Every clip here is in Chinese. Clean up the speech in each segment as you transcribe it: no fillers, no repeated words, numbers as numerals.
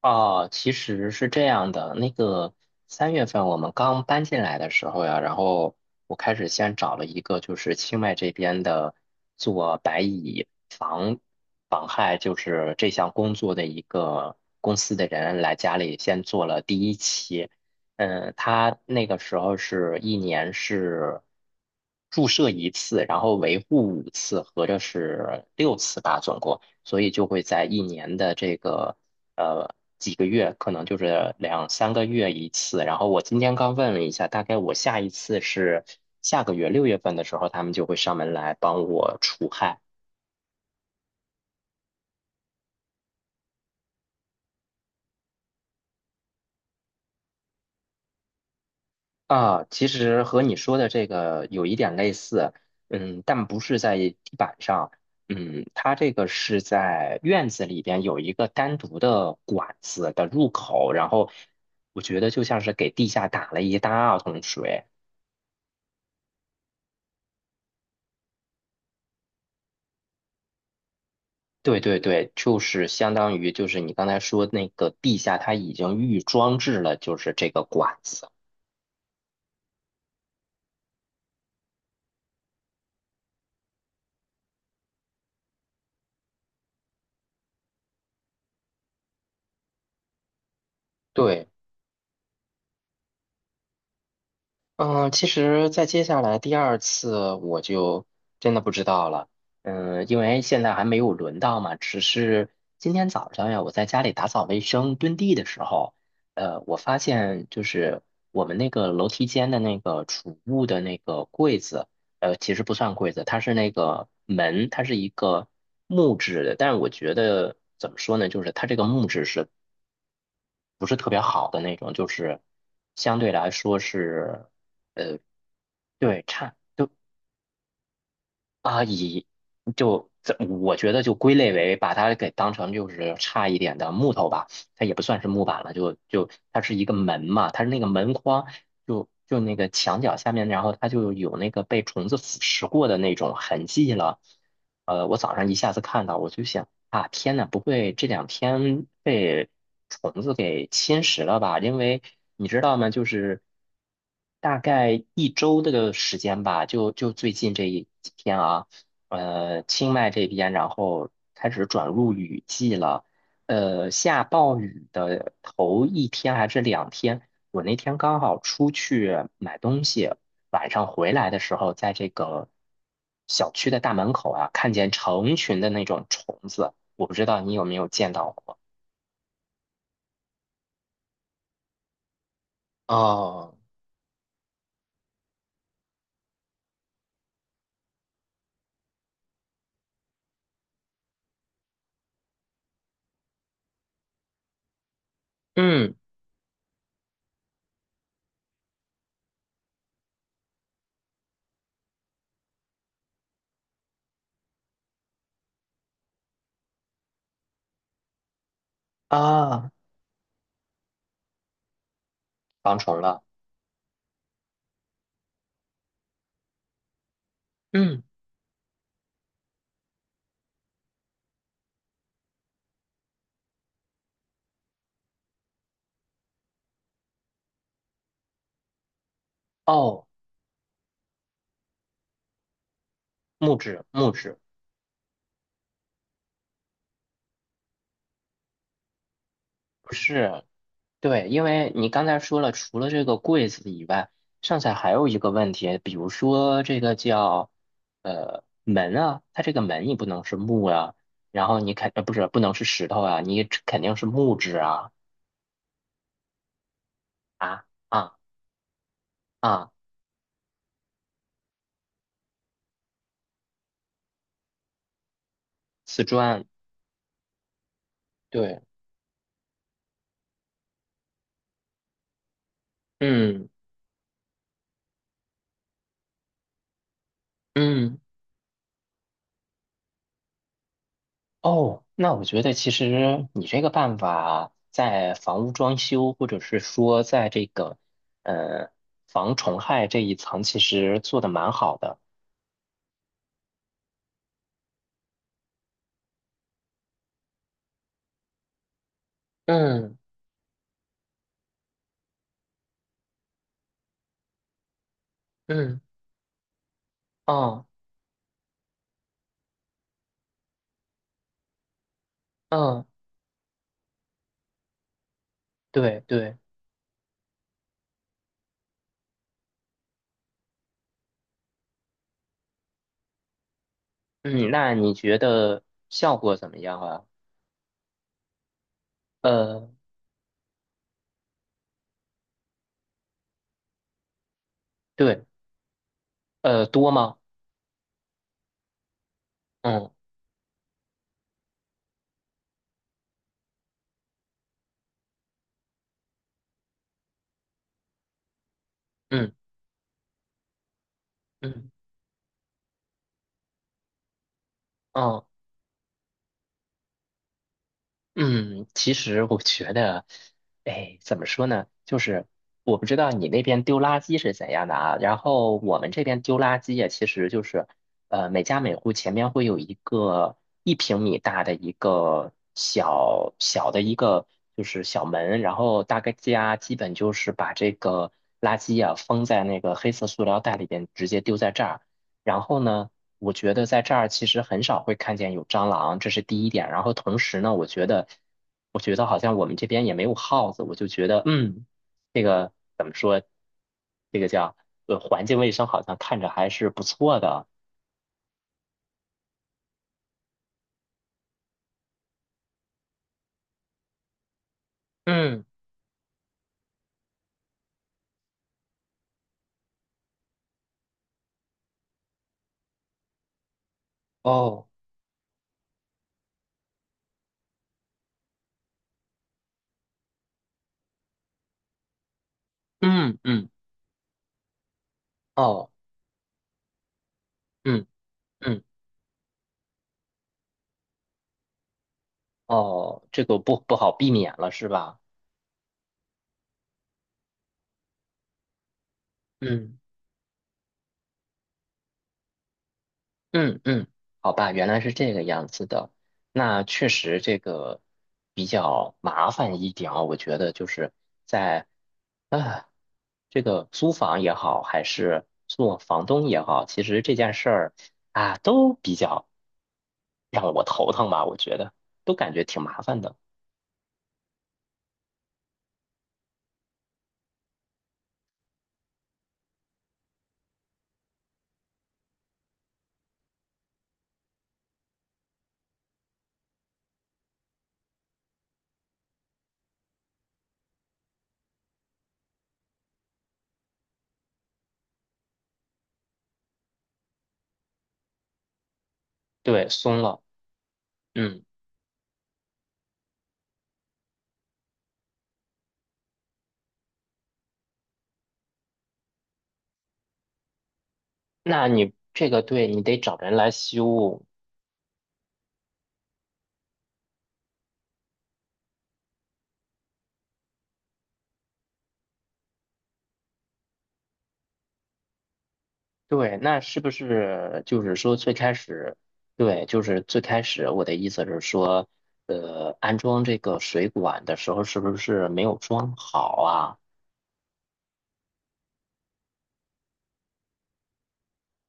哦，其实是这样的，那个3月份我们刚搬进来的时候呀，然后我开始先找了一个就是清迈这边的做白蚁防害，就是这项工作的一个公司的人来家里先做了第1期。嗯，他那个时候是一年是注射1次，然后维护5次，合着是6次吧，总共，所以就会在一年的这个。呃几个月，可能就是2、3个月1次。然后我今天刚问了一下，大概我下一次是下个月6月份的时候，他们就会上门来帮我除害啊。其实和你说的这个有一点类似，嗯，但不是在地板上，嗯，它这个是在院子里边有一个单独的管子的入口，然后我觉得就像是给地下打了一大桶水。对对对，就是相当于就是你刚才说那个地下，它已经预装置了就是这个管子。对，嗯，其实，在接下来第2次我就真的不知道了。嗯，因为现在还没有轮到嘛，只是今天早上呀，我在家里打扫卫生、墩地的时候，我发现就是我们那个楼梯间的那个储物的那个柜子，其实不算柜子，它是那个门，它是一个木质的，但是我觉得怎么说呢，就是它这个木质是不是特别好的那种，就是相对来说是对差。啊，以不这我觉得就归类为把它给当成就是差一点的木头吧，它也不算是木板了，就它是一个门嘛，它是那个门框，就那个墙角下面，然后它就有那个被虫子腐蚀过的那种痕迹了。我早上一下子看到，我就想啊，天呐，不会这两天被虫子给侵蚀了吧？因为你知道吗，就是大概1周的时间吧，就最近这一几天啊。清迈这边，然后开始转入雨季了。下暴雨的头一天还是两天，我那天刚好出去买东西，晚上回来的时候，在这个小区的大门口啊，看见成群的那种虫子，我不知道你有没有见到过。哦，嗯啊，防虫了。嗯，哦，木质木质，不是。对，因为你刚才说了，除了这个柜子以外，剩下还有一个问题，比如说这个叫门啊，它这个门你不能是木啊，然后你肯不是不能是石头啊，你肯定是木质啊啊啊啊瓷砖，对，嗯嗯哦，那我觉得其实你这个办法在房屋装修或者是说在这个呃防虫害这一层，其实做的蛮好的，嗯。嗯，哦，嗯，对对，嗯，那你觉得效果怎么样啊？呃，对，多吗？嗯嗯嗯，哦嗯，其实我觉得，哎，怎么说呢？就是我不知道你那边丢垃圾是怎样的啊。然后我们这边丢垃圾呀，其实就是，呃，每家每户前面会有一个1平米大的一个小小的一个就是小门，然后大概家基本就是把这个垃圾呀封在那个黑色塑料袋里边，直接丢在这儿。然后呢？我觉得在这儿其实很少会看见有蟑螂，这是第1点。然后同时呢，我觉得，我觉得好像我们这边也没有耗子，我就觉得，嗯，这个叫环境卫生好像看着还是不错的。嗯，哦，嗯嗯，哦，嗯嗯，哦，这个不好避免了是吧？嗯嗯嗯，好吧，原来是这个样子的。那确实这个比较麻烦一点啊，我觉得就是在。啊，这个租房也好，还是做房东也好，其实这件事儿啊，都比较让我头疼吧，我觉得都感觉挺麻烦的。对，松了，嗯，那你这个对你得找人来修，对，那是不是就是说最开始，对，就是最开始我的意思是说，安装这个水管的时候是不是没有装好啊？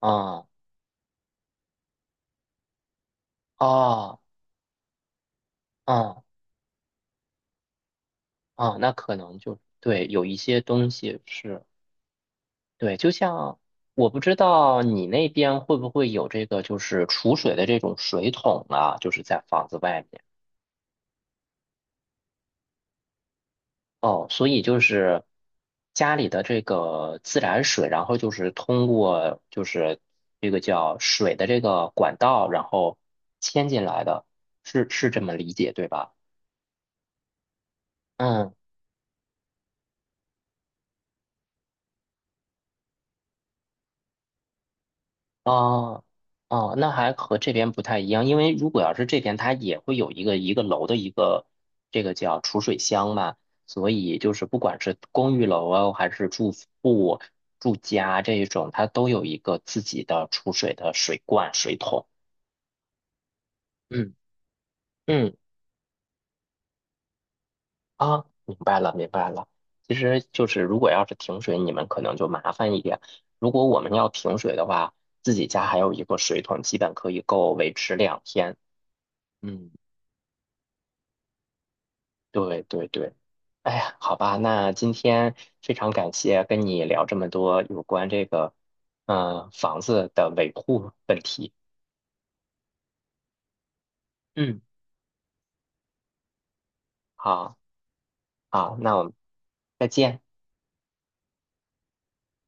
嗯，哦，嗯。啊，那可能就对，有一些东西是，对，就像我不知道你那边会不会有这个，就是储水的这种水桶啊，就是在房子外面哦，所以就是家里的这个自来水，然后就是通过就是这个叫水的这个管道，然后牵进来的，是是这么理解对吧？嗯。哦哦，那还和这边不太一样，因为如果要是这边，它也会有一个一个楼的一个这个叫储水箱嘛，所以就是不管是公寓楼啊，还是住户住家这一种，它都有一个自己的储水的水罐、水桶。嗯嗯啊，明白了明白了。其实就是如果要是停水，你们可能就麻烦一点。如果我们要停水的话，自己家还有一个水桶，基本可以够维持两天。嗯。对对对，哎呀，好吧，那今天非常感谢跟你聊这么多有关这个，嗯、房子的维护问题。嗯，好，好，那我们再见。